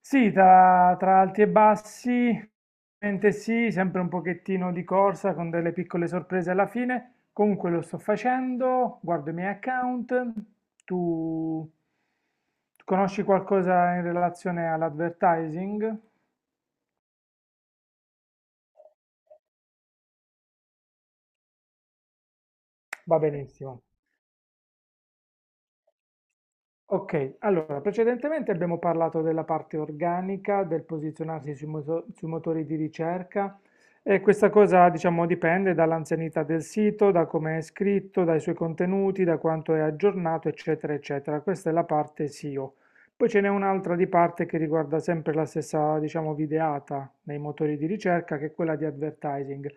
Sì, tra alti e bassi, ovviamente sì, sempre un pochettino di corsa con delle piccole sorprese alla fine. Comunque lo sto facendo, guardo i miei account. Tu conosci qualcosa in relazione all'advertising? Va benissimo. Ok, allora precedentemente abbiamo parlato della parte organica, del posizionarsi sui motori di ricerca e questa cosa diciamo dipende dall'anzianità del sito, da come è scritto, dai suoi contenuti, da quanto è aggiornato, eccetera, eccetera. Questa è la parte SEO. Poi ce n'è un'altra di parte che riguarda sempre la stessa, diciamo, videata nei motori di ricerca, che è quella di advertising.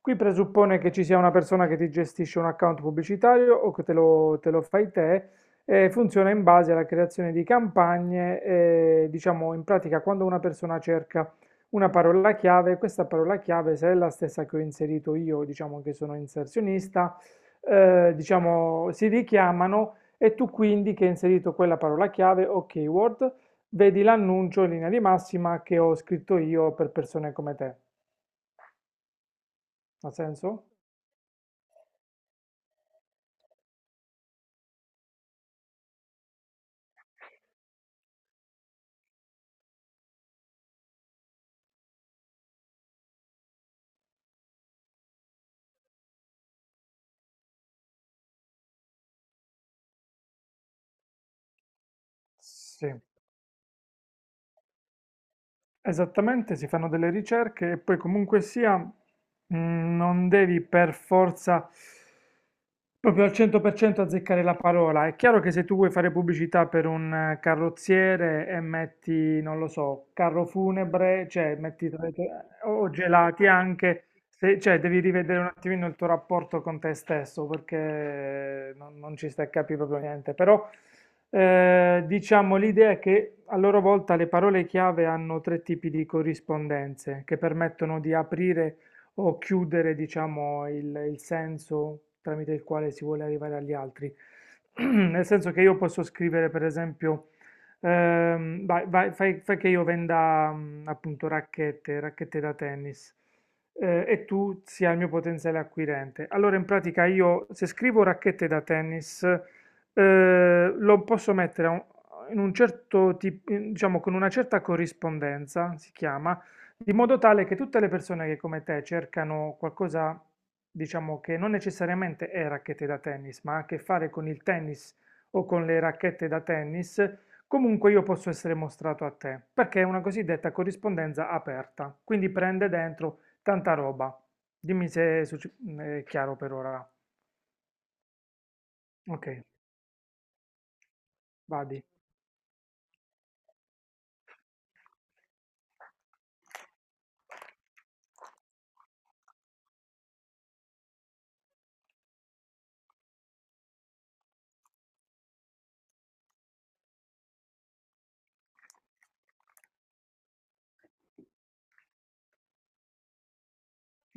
Qui presuppone che ci sia una persona che ti gestisce un account pubblicitario o che te lo fai te e funziona in base alla creazione di campagne, diciamo in pratica quando una persona cerca una parola chiave, questa parola chiave, se è la stessa che ho inserito io, diciamo che sono inserzionista, diciamo si richiamano e tu quindi che hai inserito quella parola chiave o keyword, vedi l'annuncio in linea di massima che ho scritto io per persone come te. Ha senso? Sì. Esattamente, si fanno delle ricerche e poi comunque sia, non devi per forza proprio al 100% azzeccare la parola. È chiaro che se tu vuoi fare pubblicità per un carrozziere e metti, non lo so, carro funebre, cioè metti o gelati anche, cioè devi rivedere un attimino il tuo rapporto con te stesso perché non ci stai a capire proprio niente, però diciamo, l'idea è che a loro volta le parole chiave hanno tre tipi di corrispondenze che permettono di aprire o chiudere, diciamo, il senso tramite il quale si vuole arrivare agli altri. Nel senso che io posso scrivere, per esempio, fai che io venda appunto racchette da tennis. E tu sia il mio potenziale acquirente. Allora, in pratica, io se scrivo racchette da tennis, lo posso mettere in un certo tipo, diciamo con una certa corrispondenza, si chiama, di modo tale che tutte le persone che come te cercano qualcosa, diciamo, che non necessariamente è racchette da tennis, ma ha a che fare con il tennis o con le racchette da tennis, comunque io posso essere mostrato a te, perché è una cosiddetta corrispondenza aperta, quindi prende dentro tanta roba. Dimmi se è succe- è chiaro per ora. Ok, vadi.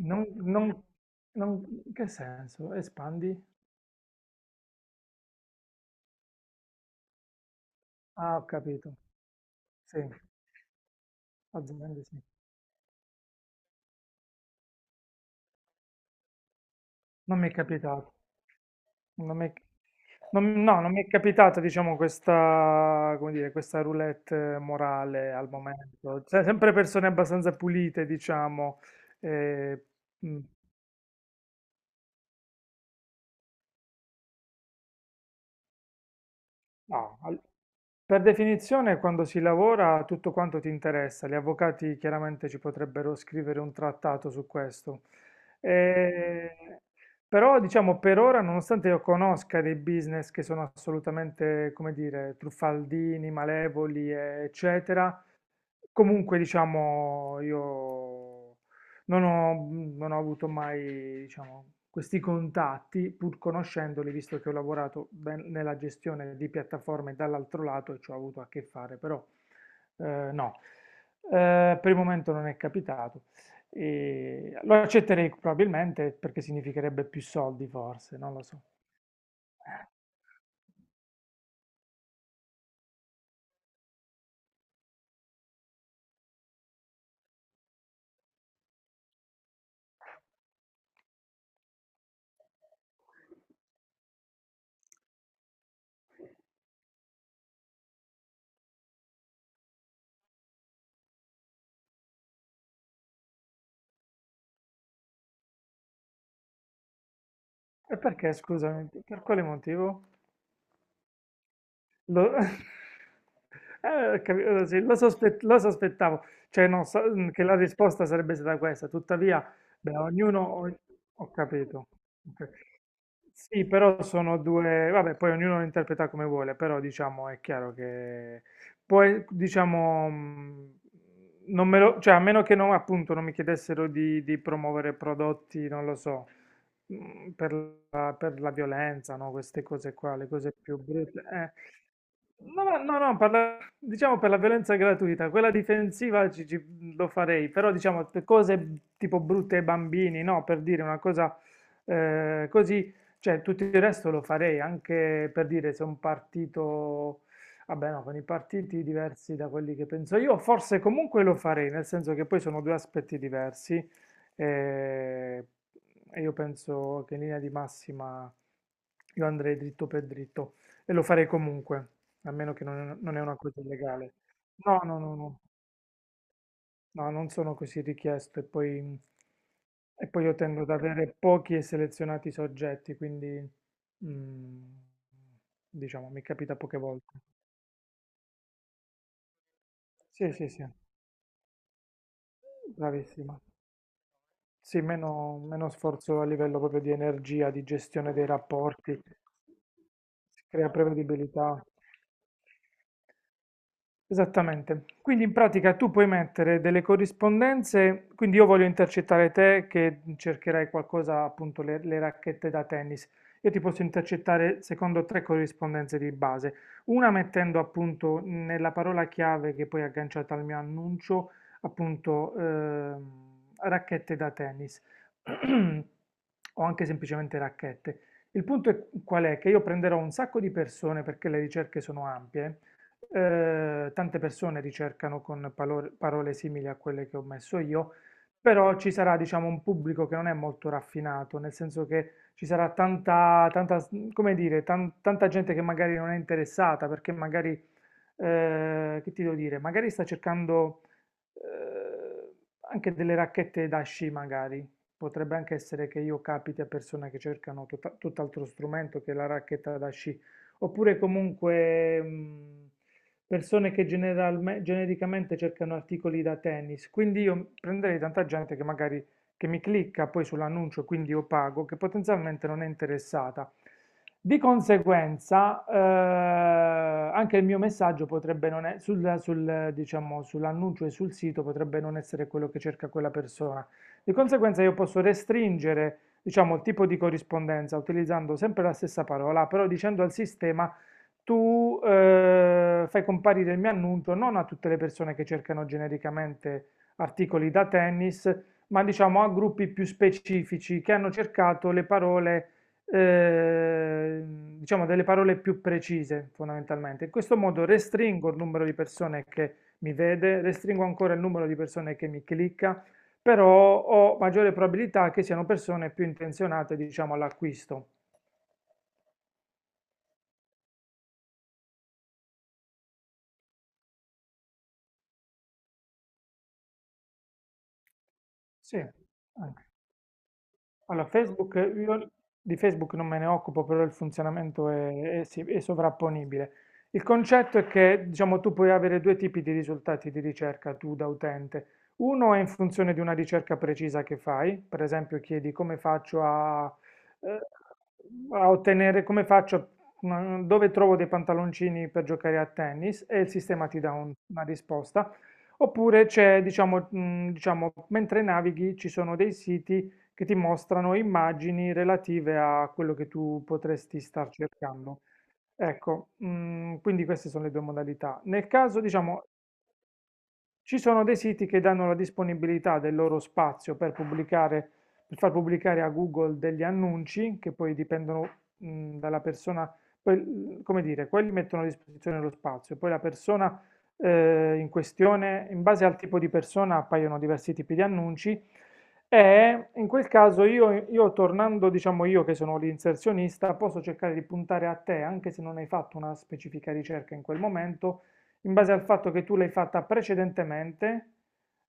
Non, non, in che senso? Espandi? Ah, ho capito. Sì, aziende sì. Non mi è capitato. Non mi è- non mi è capitato, diciamo, questa, come dire, questa roulette morale al momento. Cioè, sempre persone abbastanza pulite, diciamo. eh, mm. No, per definizione quando si lavora tutto quanto ti interessa, gli avvocati chiaramente ci potrebbero scrivere un trattato su questo. Eh, Però diciamo per ora, nonostante io conosca dei business che sono assolutamente, come dire, truffaldini, malevoli, eccetera, comunque diciamo io non ho, non ho avuto mai diciamo, questi contatti, pur conoscendoli, visto che ho lavorato nella gestione di piattaforme dall'altro lato e ci ho avuto a che fare, però eh, no, per il momento non è capitato. E lo accetterei probabilmente perché significherebbe più soldi, forse, non lo so. E perché, scusami, per quale motivo? Lo, sì, lo sospettavo, cioè no, che la risposta sarebbe stata questa, tuttavia, beh, ho capito. Ok. Sì, però sono due, vabbè, poi ognuno lo interpreta come vuole, però diciamo è chiaro che poi diciamo, non me lo, cioè a meno che non, appunto, non mi chiedessero di promuovere prodotti, non lo so, per per la violenza, no? Queste cose qua, le cose più brutte. No, no, no, no, diciamo per la violenza gratuita, quella difensiva lo farei, però diciamo per cose tipo brutte ai bambini, no? Per dire una cosa così, cioè tutto il resto lo farei, anche per dire se un partito, vabbè no, con i partiti diversi da quelli che penso io, forse comunque lo farei, nel senso che poi sono due aspetti diversi. E, e io penso che in linea di massima io andrei dritto per dritto e lo farei comunque, a meno che non, non è una cosa illegale. No, no, no, no, no, non sono così richiesto e poi io tendo ad avere pochi e selezionati soggetti, quindi mm, diciamo mi capita poche volte. Sì, sì, sì, bravissima. Sì, meno sforzo a livello proprio di energia, di gestione dei rapporti, si crea prevedibilità. Esattamente. Quindi in pratica tu puoi mettere delle corrispondenze, quindi io voglio intercettare te che cercherai qualcosa, appunto le racchette da tennis. Io ti posso intercettare secondo tre corrispondenze di base. Una mettendo appunto nella parola chiave che poi è agganciata al mio annuncio, appunto racchette da tennis o anche semplicemente racchette. Il punto è qual è? Che io prenderò un sacco di persone perché le ricerche sono ampie, tante persone ricercano con parole simili a quelle che ho messo io, però ci sarà, diciamo, un pubblico che non è molto raffinato, nel senso che ci sarà come dire, tanta gente che magari non è interessata, perché magari, che ti devo dire, magari sta cercando eh, anche delle racchette da sci, magari. Potrebbe anche essere che io capiti a persone che cercano tutt'altro strumento che la racchetta da sci. Oppure comunque, persone che genericamente cercano articoli da tennis, quindi io prenderei tanta gente che magari che mi clicca poi sull'annuncio, quindi io pago, che potenzialmente non è interessata. Di conseguenza, anche il mio messaggio potrebbe non è, diciamo, sull'annuncio e sul sito potrebbe non essere quello che cerca quella persona. Di conseguenza io posso restringere, diciamo, il tipo di corrispondenza utilizzando sempre la stessa parola, però dicendo al sistema tu fai comparire il mio annuncio non a tutte le persone che cercano genericamente articoli da tennis, ma diciamo a gruppi più specifici che hanno cercato le parole, eh, diciamo delle parole più precise fondamentalmente. In questo modo restringo il numero di persone che mi vede, restringo ancora il numero di persone che mi clicca, però ho maggiore probabilità che siano persone più intenzionate, diciamo, all'acquisto. Sì, anche. Allora, Facebook, io di Facebook non me ne occupo, però il funzionamento è sovrapponibile. Il concetto è che, diciamo, tu puoi avere due tipi di risultati di ricerca tu da utente. Uno è in funzione di una ricerca precisa che fai, per esempio chiedi eh, a ottenere, come faccio, dove trovo dei pantaloncini per giocare a tennis e il sistema ti dà una risposta. Oppure c'è, diciamo, mentre navighi ci sono dei siti che ti mostrano immagini relative a quello che tu potresti star cercando. Ecco, quindi queste sono le due modalità. Nel caso, Mm. diciamo, ci sono dei siti che danno la disponibilità del loro spazio per pubblicare, per far pubblicare a Google degli annunci che poi dipendono, dalla persona, poi, come dire, quelli mettono a disposizione lo spazio, poi la persona, in questione, in base al tipo di persona appaiono diversi tipi di annunci e in quel caso io tornando, diciamo io che sono l'inserzionista, posso cercare di puntare a te, anche se non hai fatto una specifica ricerca in quel momento in base al fatto che tu l'hai fatta precedentemente,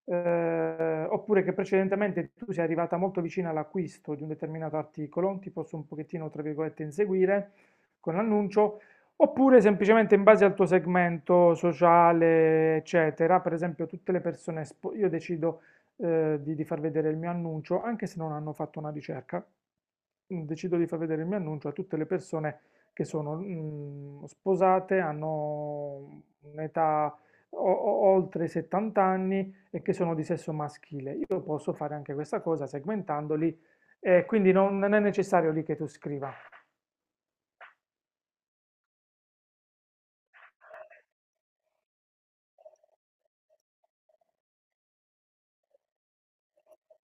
oppure che precedentemente tu sei arrivata molto vicina all'acquisto di un determinato articolo, ti posso un pochettino, tra virgolette, inseguire con l'annuncio, oppure semplicemente in base al tuo segmento sociale, eccetera. Per esempio, tutte le persone, io decido di far vedere il mio annuncio, anche se non hanno fatto una ricerca, decido di far vedere il mio annuncio a tutte le persone che sono sposate, hanno un'età oltre i 70 anni e che sono di sesso maschile. Io posso fare anche questa cosa segmentandoli, quindi non è necessario lì che tu scriva.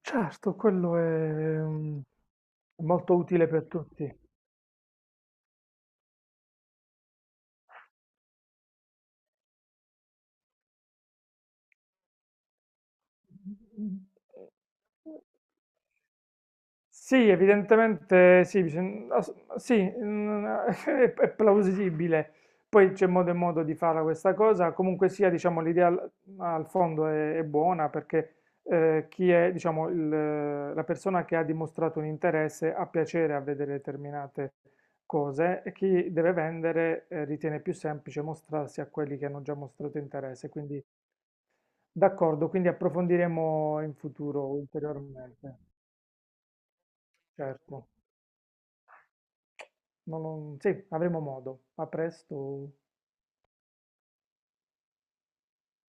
Certo, quello è mm, molto utile per tutti. Sì, evidentemente sì, sì, è plausibile. Poi c'è modo e modo di fare questa cosa. Comunque sia, diciamo, l'idea al fondo è buona perché chi è, diciamo, la persona che ha dimostrato un interesse ha piacere a vedere determinate cose e chi deve vendere ritiene più semplice mostrarsi a quelli che hanno già mostrato interesse. Quindi d'accordo, quindi approfondiremo in futuro ulteriormente, certo. Sì, avremo modo. A presto.